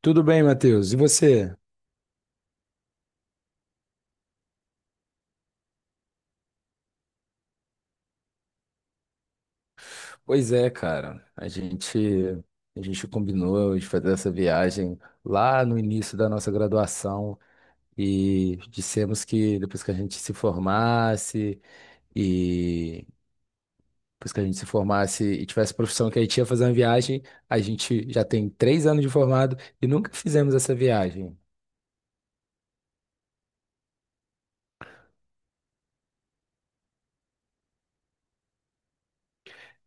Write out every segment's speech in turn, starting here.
Tudo bem, Matheus? E você? Pois é, cara. A gente combinou de fazer essa viagem lá no início da nossa graduação e dissemos que depois que a gente se formasse e depois que a gente se formasse e tivesse profissão que a gente ia fazer uma viagem. A gente já tem 3 anos de formado e nunca fizemos essa viagem.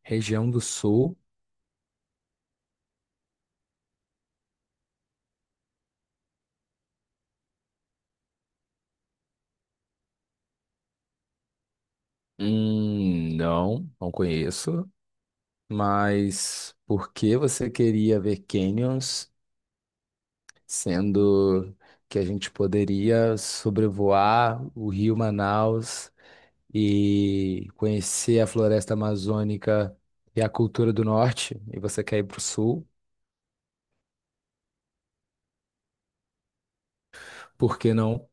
Região do Sul? Não, não conheço. Mas por que você queria ver canyons, sendo que a gente poderia sobrevoar o Rio Manaus e conhecer a floresta amazônica e a cultura do norte, e você quer ir para o sul? Por que não?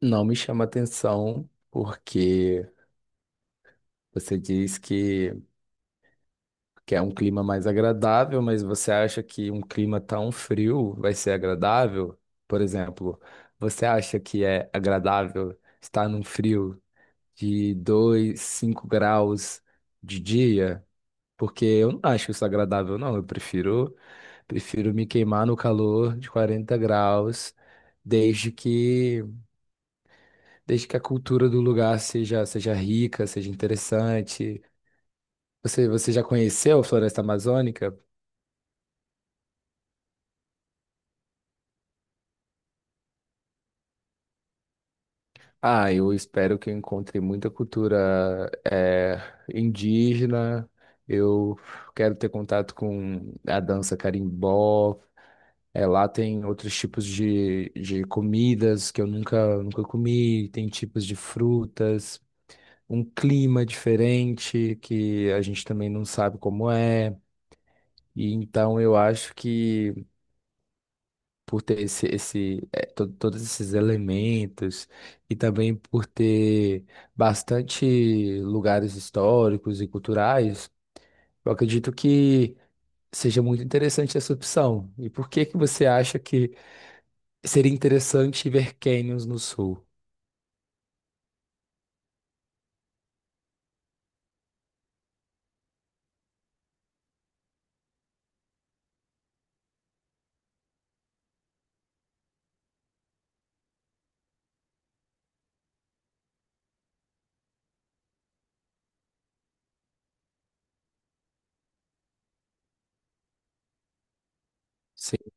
Não me chama atenção, porque você diz que quer um clima mais agradável, mas você acha que um clima tão frio vai ser agradável? Por exemplo, você acha que é agradável estar num frio de 25 graus de dia? Porque eu não acho isso agradável, não. Eu prefiro me queimar no calor de 40 graus, desde que, desde que a cultura do lugar seja rica, seja interessante. Você já conheceu a Floresta Amazônica? Ah, eu espero que eu encontre muita cultura indígena. Eu quero ter contato com a dança carimbó. É, lá tem outros tipos de comidas que eu nunca, nunca comi, tem tipos de frutas, um clima diferente que a gente também não sabe como é. E então eu acho que, por ter todos esses elementos e também por ter bastante lugares históricos e culturais, eu acredito que seja muito interessante essa opção. E por que que você acha que seria interessante ver canyons no sul? Sim,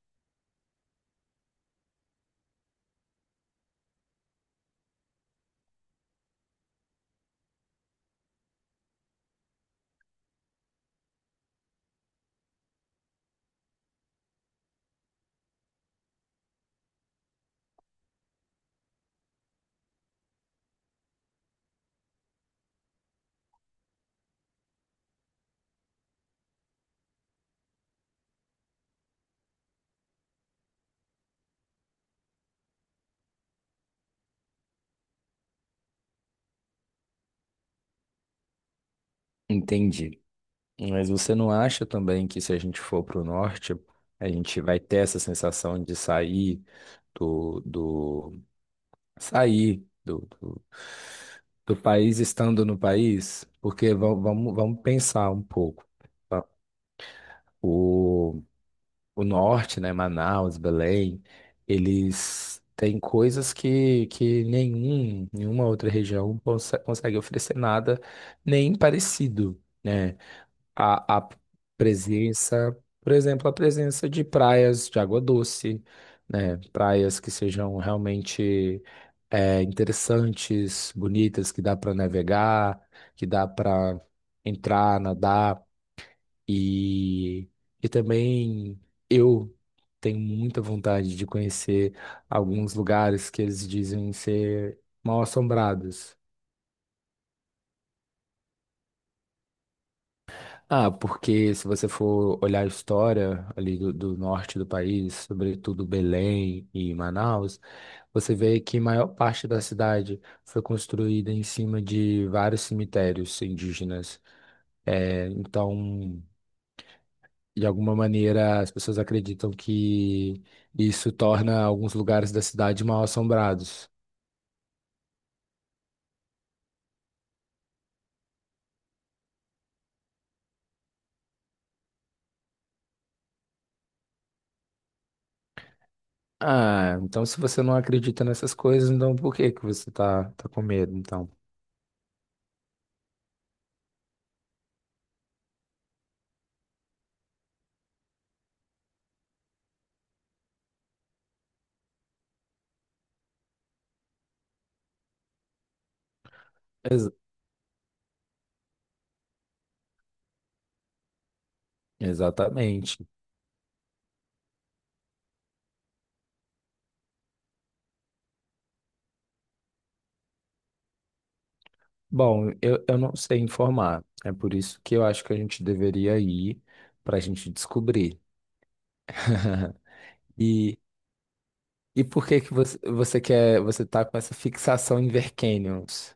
entendi. Mas você não acha também que, se a gente for para o norte, a gente vai ter essa sensação de sair do, do sair do, do, do país estando no país? Porque vamos pensar um pouco. Tá? O, o norte, né, Manaus, Belém, eles têm coisas que nenhuma outra região consegue oferecer nada nem parecido, né? A presença, por exemplo, a presença de praias de água doce, né? Praias que sejam realmente, é, interessantes, bonitas, que dá para navegar, que dá para entrar, nadar. E, e também eu tenho muita vontade de conhecer alguns lugares que eles dizem ser mal-assombrados. Ah, porque, se você for olhar a história ali do norte do país, sobretudo Belém e Manaus, você vê que a maior parte da cidade foi construída em cima de vários cemitérios indígenas. É, então, de alguma maneira as pessoas acreditam que isso torna alguns lugares da cidade mal assombrados. Ah, então, se você não acredita nessas coisas, então por que que você tá, tá com medo, então? Ex- exatamente. Bom, eu não sei informar. É por isso que eu acho que a gente deveria ir, para a gente descobrir. E, e por que que você tá com essa fixação em ver canyons?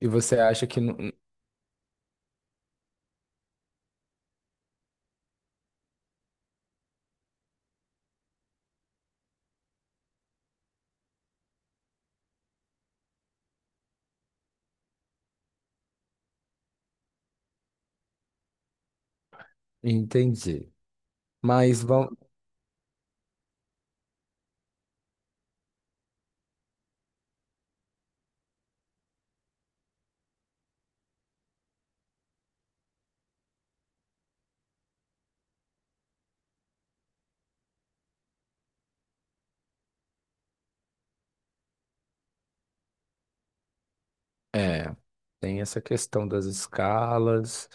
E você acha que não... Entendi. Mas vamos, É, tem essa questão das escalas,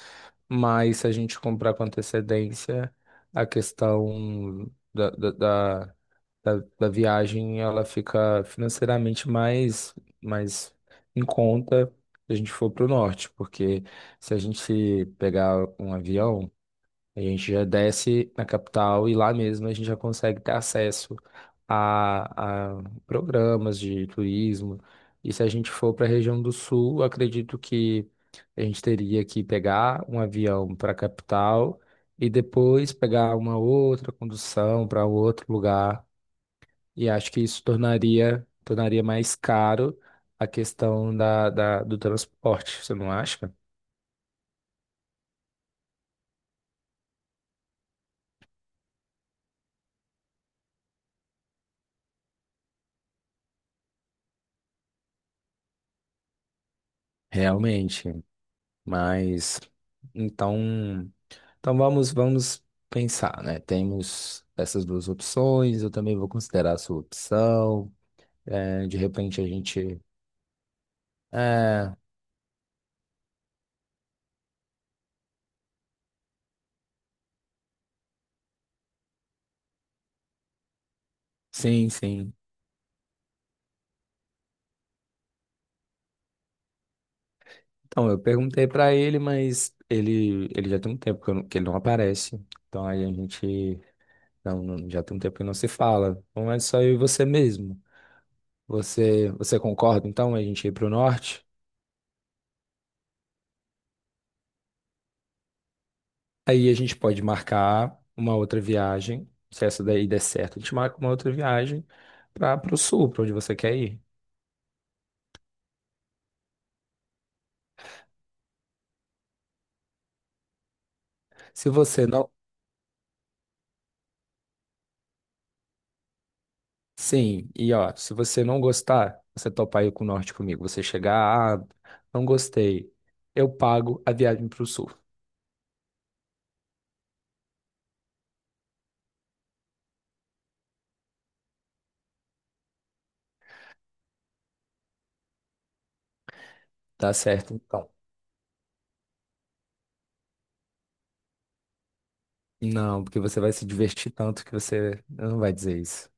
mas, se a gente comprar com antecedência, a questão da viagem, ela fica financeiramente mais em conta se a gente for para o norte, porque, se a gente pegar um avião, a gente já desce na capital e lá mesmo a gente já consegue ter acesso a programas de turismo. E, se a gente for para a região do sul, eu acredito que a gente teria que pegar um avião para a capital e depois pegar uma outra condução para outro lugar. E acho que isso tornaria mais caro a questão do transporte, você não acha? Realmente. Mas então. Então vamos pensar, né? Temos essas duas opções, eu também vou considerar a sua opção. É, de repente a gente. É, sim, sim. Então eu perguntei para ele, mas ele já tem um tempo que ele não aparece. Então aí a gente, já tem um tempo que não se fala. Então é só eu e você mesmo. Você concorda então a gente ir para o norte? Aí a gente pode marcar uma outra viagem. Se essa daí der certo, a gente marca uma outra viagem para o sul, para onde você quer ir. Se você não. Sim, e ó, se você não gostar, você topar ir com o norte comigo, você chegar, ah, não gostei, eu pago a viagem para o sul. Tá certo, então. Não, porque você vai se divertir tanto que você não vai dizer isso.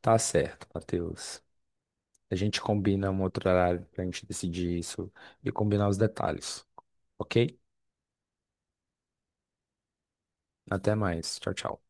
Tá certo, Matheus. A gente combina um outro horário pra gente decidir isso e combinar os detalhes, ok? Até mais. Tchau, tchau.